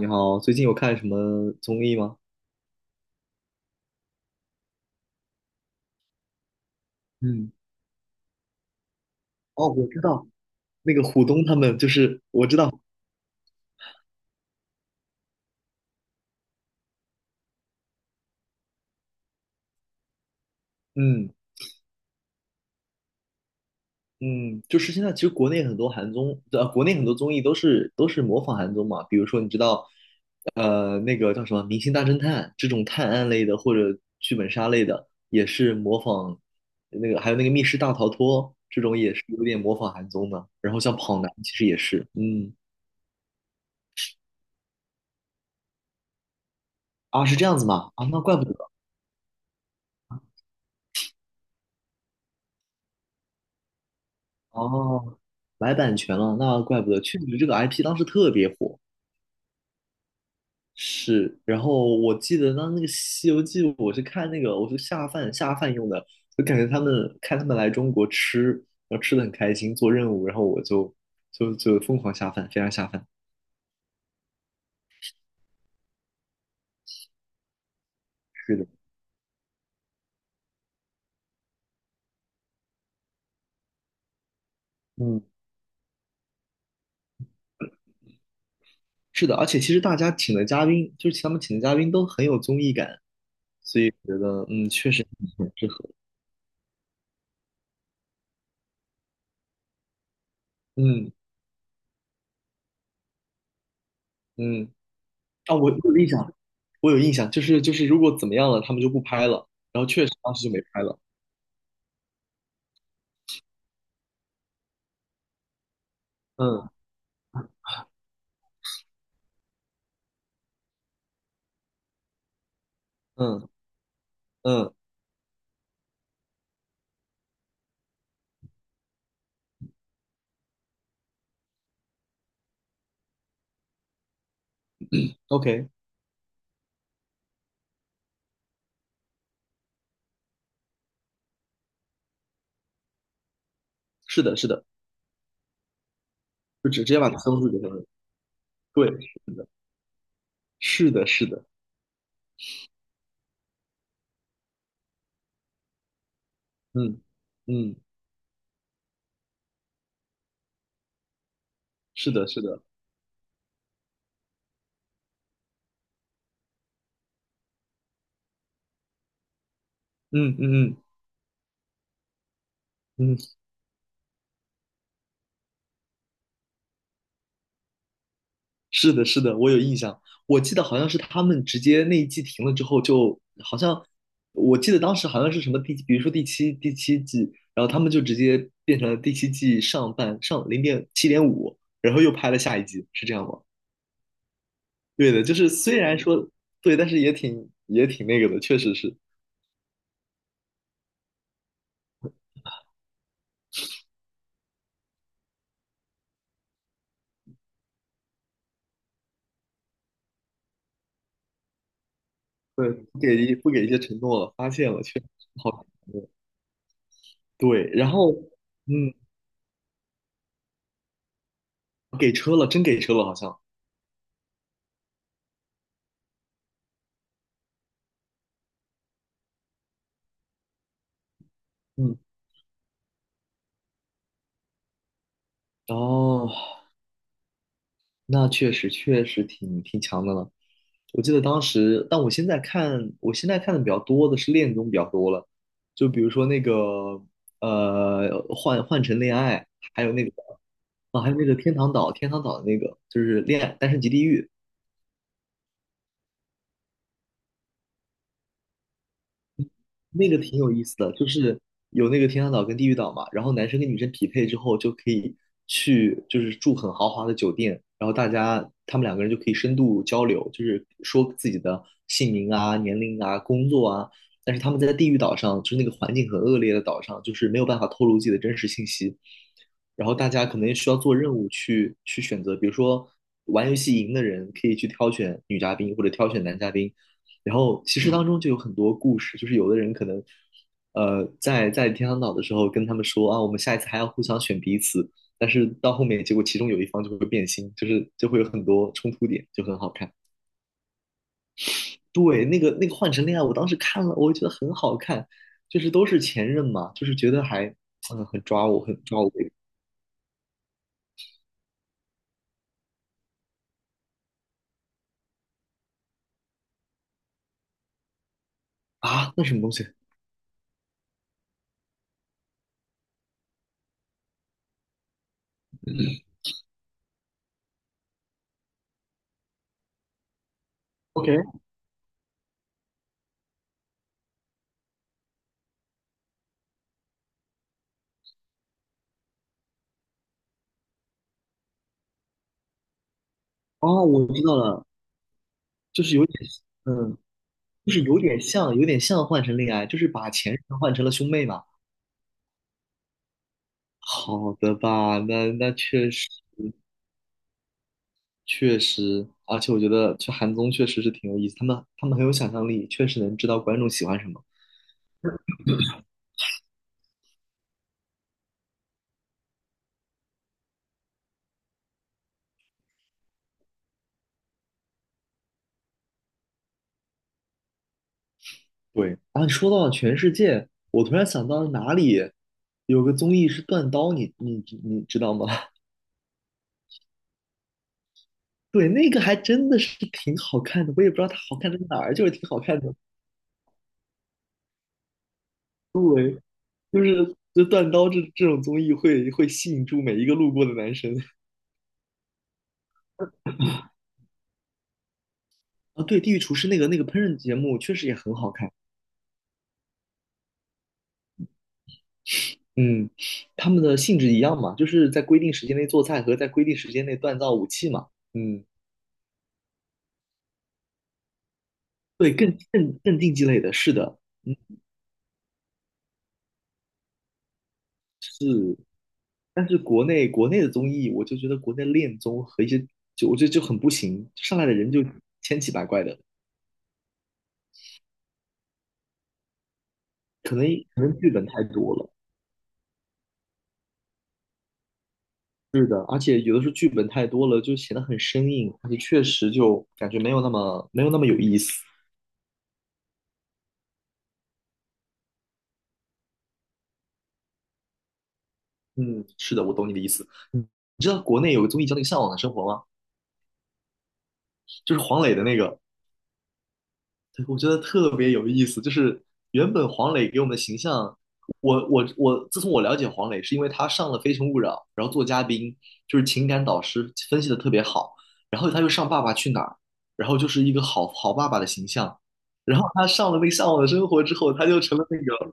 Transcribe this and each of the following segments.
你好，最近有看什么综艺吗？嗯，哦，我知道，那个虎东他们就是我知道，嗯嗯，就是现在其实国内很多韩综，国内很多综艺都是模仿韩综嘛，比如说你知道，那个叫什么《明星大侦探》这种探案类的或者剧本杀类的，也是模仿那个，还有那个《密室大逃脱》这种也是有点模仿韩综的，然后像《跑男》其实也是，嗯啊，是这样子吗？啊，那怪不得。哦，买版权了，那怪不得，确实这个 IP 当时特别火。是，然后我记得当那个《西游记》，我是看那个，我是下饭用的，就感觉他们看他们来中国吃，然后吃的很开心，做任务，然后我就就疯狂下饭，非常下饭。是的，嗯，是的，而且其实大家请的嘉宾，就是他们请的嘉宾都很有综艺感，所以觉得嗯，确实挺适合。嗯嗯，啊、我有印象，我有印象，就是如果怎么样了，他们就不拍了，然后确实当时就没拍了。嗯嗯嗯，OK，是的，是的，就直接把它封住就行了。对，是的，是的，是的，嗯嗯，是的，是的，嗯嗯嗯嗯，是的，是的，我有印象，我记得好像是他们直接那一季停了之后就，好像我记得当时好像是什么第，比如说第七季，然后他们就直接变成了第七季上半上0.7.5，然后又拍了下一季，是这样吗？对的，就是虽然说对，但是也挺那个的，确实是，对，不给一些承诺了，发现了，确实不好，对，然后嗯，给车了，真给车了，好像，嗯，哦，那确实挺强的了。我记得当时，但我现在看，我现在看的比较多的是恋综比较多了，就比如说那个换成恋爱，还有那个啊，还有那个天堂岛，天堂岛的那个就是恋爱单身即地狱。那个挺有意思的，就是有那个天堂岛跟地狱岛嘛，然后男生跟女生匹配之后就可以去，就是住很豪华的酒店，然后大家他们两个人就可以深度交流，就是说自己的姓名啊、年龄啊、工作啊。但是他们在地狱岛上，就是那个环境很恶劣的岛上，就是没有办法透露自己的真实信息。然后大家可能需要做任务去选择，比如说玩游戏赢的人可以去挑选女嘉宾或者挑选男嘉宾，然后其实当中就有很多故事，就是有的人可能，在天堂岛的时候跟他们说啊，我们下一次还要互相选彼此，但是到后面结果其中有一方就会变心，就是就会有很多冲突点，就很好看。对，那个换乘恋爱，我当时看了，我觉得很好看，就是都是前任嘛，就是觉得还很抓我胃口啊，那什么东西？OK，哦，我知道了，就是有点嗯，就是有点像换乘恋爱，就是把前任换成了兄妹嘛。好的吧，那确实，而且我觉得去韩综确实是挺有意思，他们很有想象力，确实能知道观众喜欢什么。对，啊，你说到了全世界，我突然想到了哪里有个综艺是断刀，你知道吗？对，那个还真的是挺好看的，我也不知道它好看在哪儿，就是挺好看的。对，就是断刀这种综艺会吸引住每一个路过的男生。啊，对，《地狱厨师》那个烹饪节目确实也很好看。嗯，他们的性质一样嘛，就是在规定时间内做菜和在规定时间内锻造武器嘛。嗯，对，更竞技类的，是的。嗯，但是国内的综艺，我就觉得国内恋综和一些就我觉得就很不行，上来的人就千奇百怪的，可能可能剧本太多了。是的，而且有的时候剧本太多了，就显得很生硬，而且确实就感觉没有那么有意思。嗯，是的，我懂你的意思。嗯，你知道国内有个综艺叫那个《向往的生活》吗？就是黄磊的那个。对，我觉得特别有意思，就是原本黄磊给我们的形象，我，自从我了解黄磊，是因为他上了《非诚勿扰》，然后做嘉宾，就是情感导师分析的特别好，然后他又上《爸爸去哪儿》，然后就是一个好好爸爸的形象，然后他上了那个《向往的生活》之后，他就成了那个，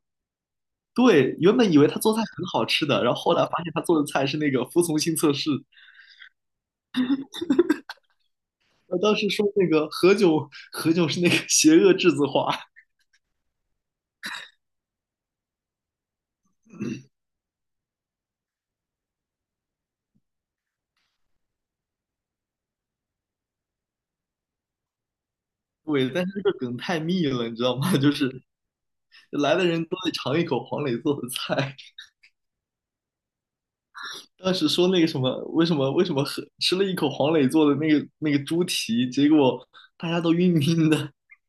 对，原本以为他做菜很好吃的，然后后来发现他做的菜是那个服从性测试，我当时说那个何炅，何炅是那个邪恶栀子花。对，但是这个梗太密了，你知道吗？就是来的人都得尝一口黄磊做的菜。当时说那个什么，为什么喝吃了一口黄磊做的那个猪蹄，结果大家都晕晕的，然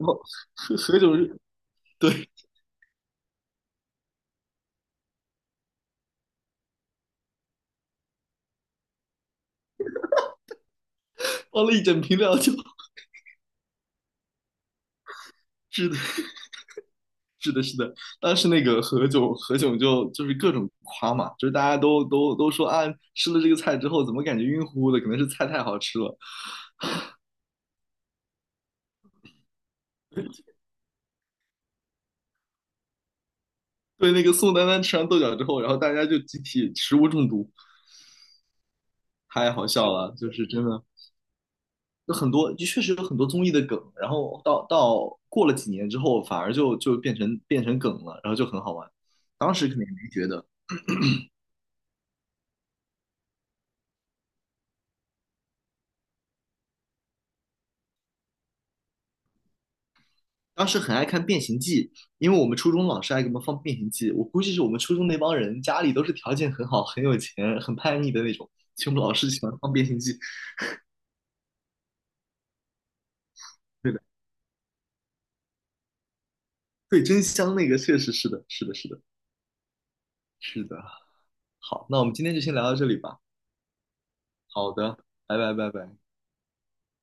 后何炅是对放了一整瓶料酒，是的，是的，是的。当时那个何炅就是各种夸嘛，就是大家都说啊，吃了这个菜之后怎么感觉晕乎乎的，可能是菜太好吃了。对，那个宋丹丹吃完豆角之后，然后大家就集体食物中毒，太好笑了，就是真的。有很多就确实有很多综艺的梗，然后到过了几年之后，反而就变成梗了，然后就很好玩。当时肯定没觉得，当时很爱看《变形计》，因为我们初中老师爱给我们放《变形计》，我估计是我们初中那帮人家里都是条件很好、很有钱、很叛逆的那种，所以我们老师喜欢放《变形计》。对的，对，真香，那个确实是的，是的，是的，是的。好，那我们今天就先聊到这里吧。好的，拜拜，拜拜。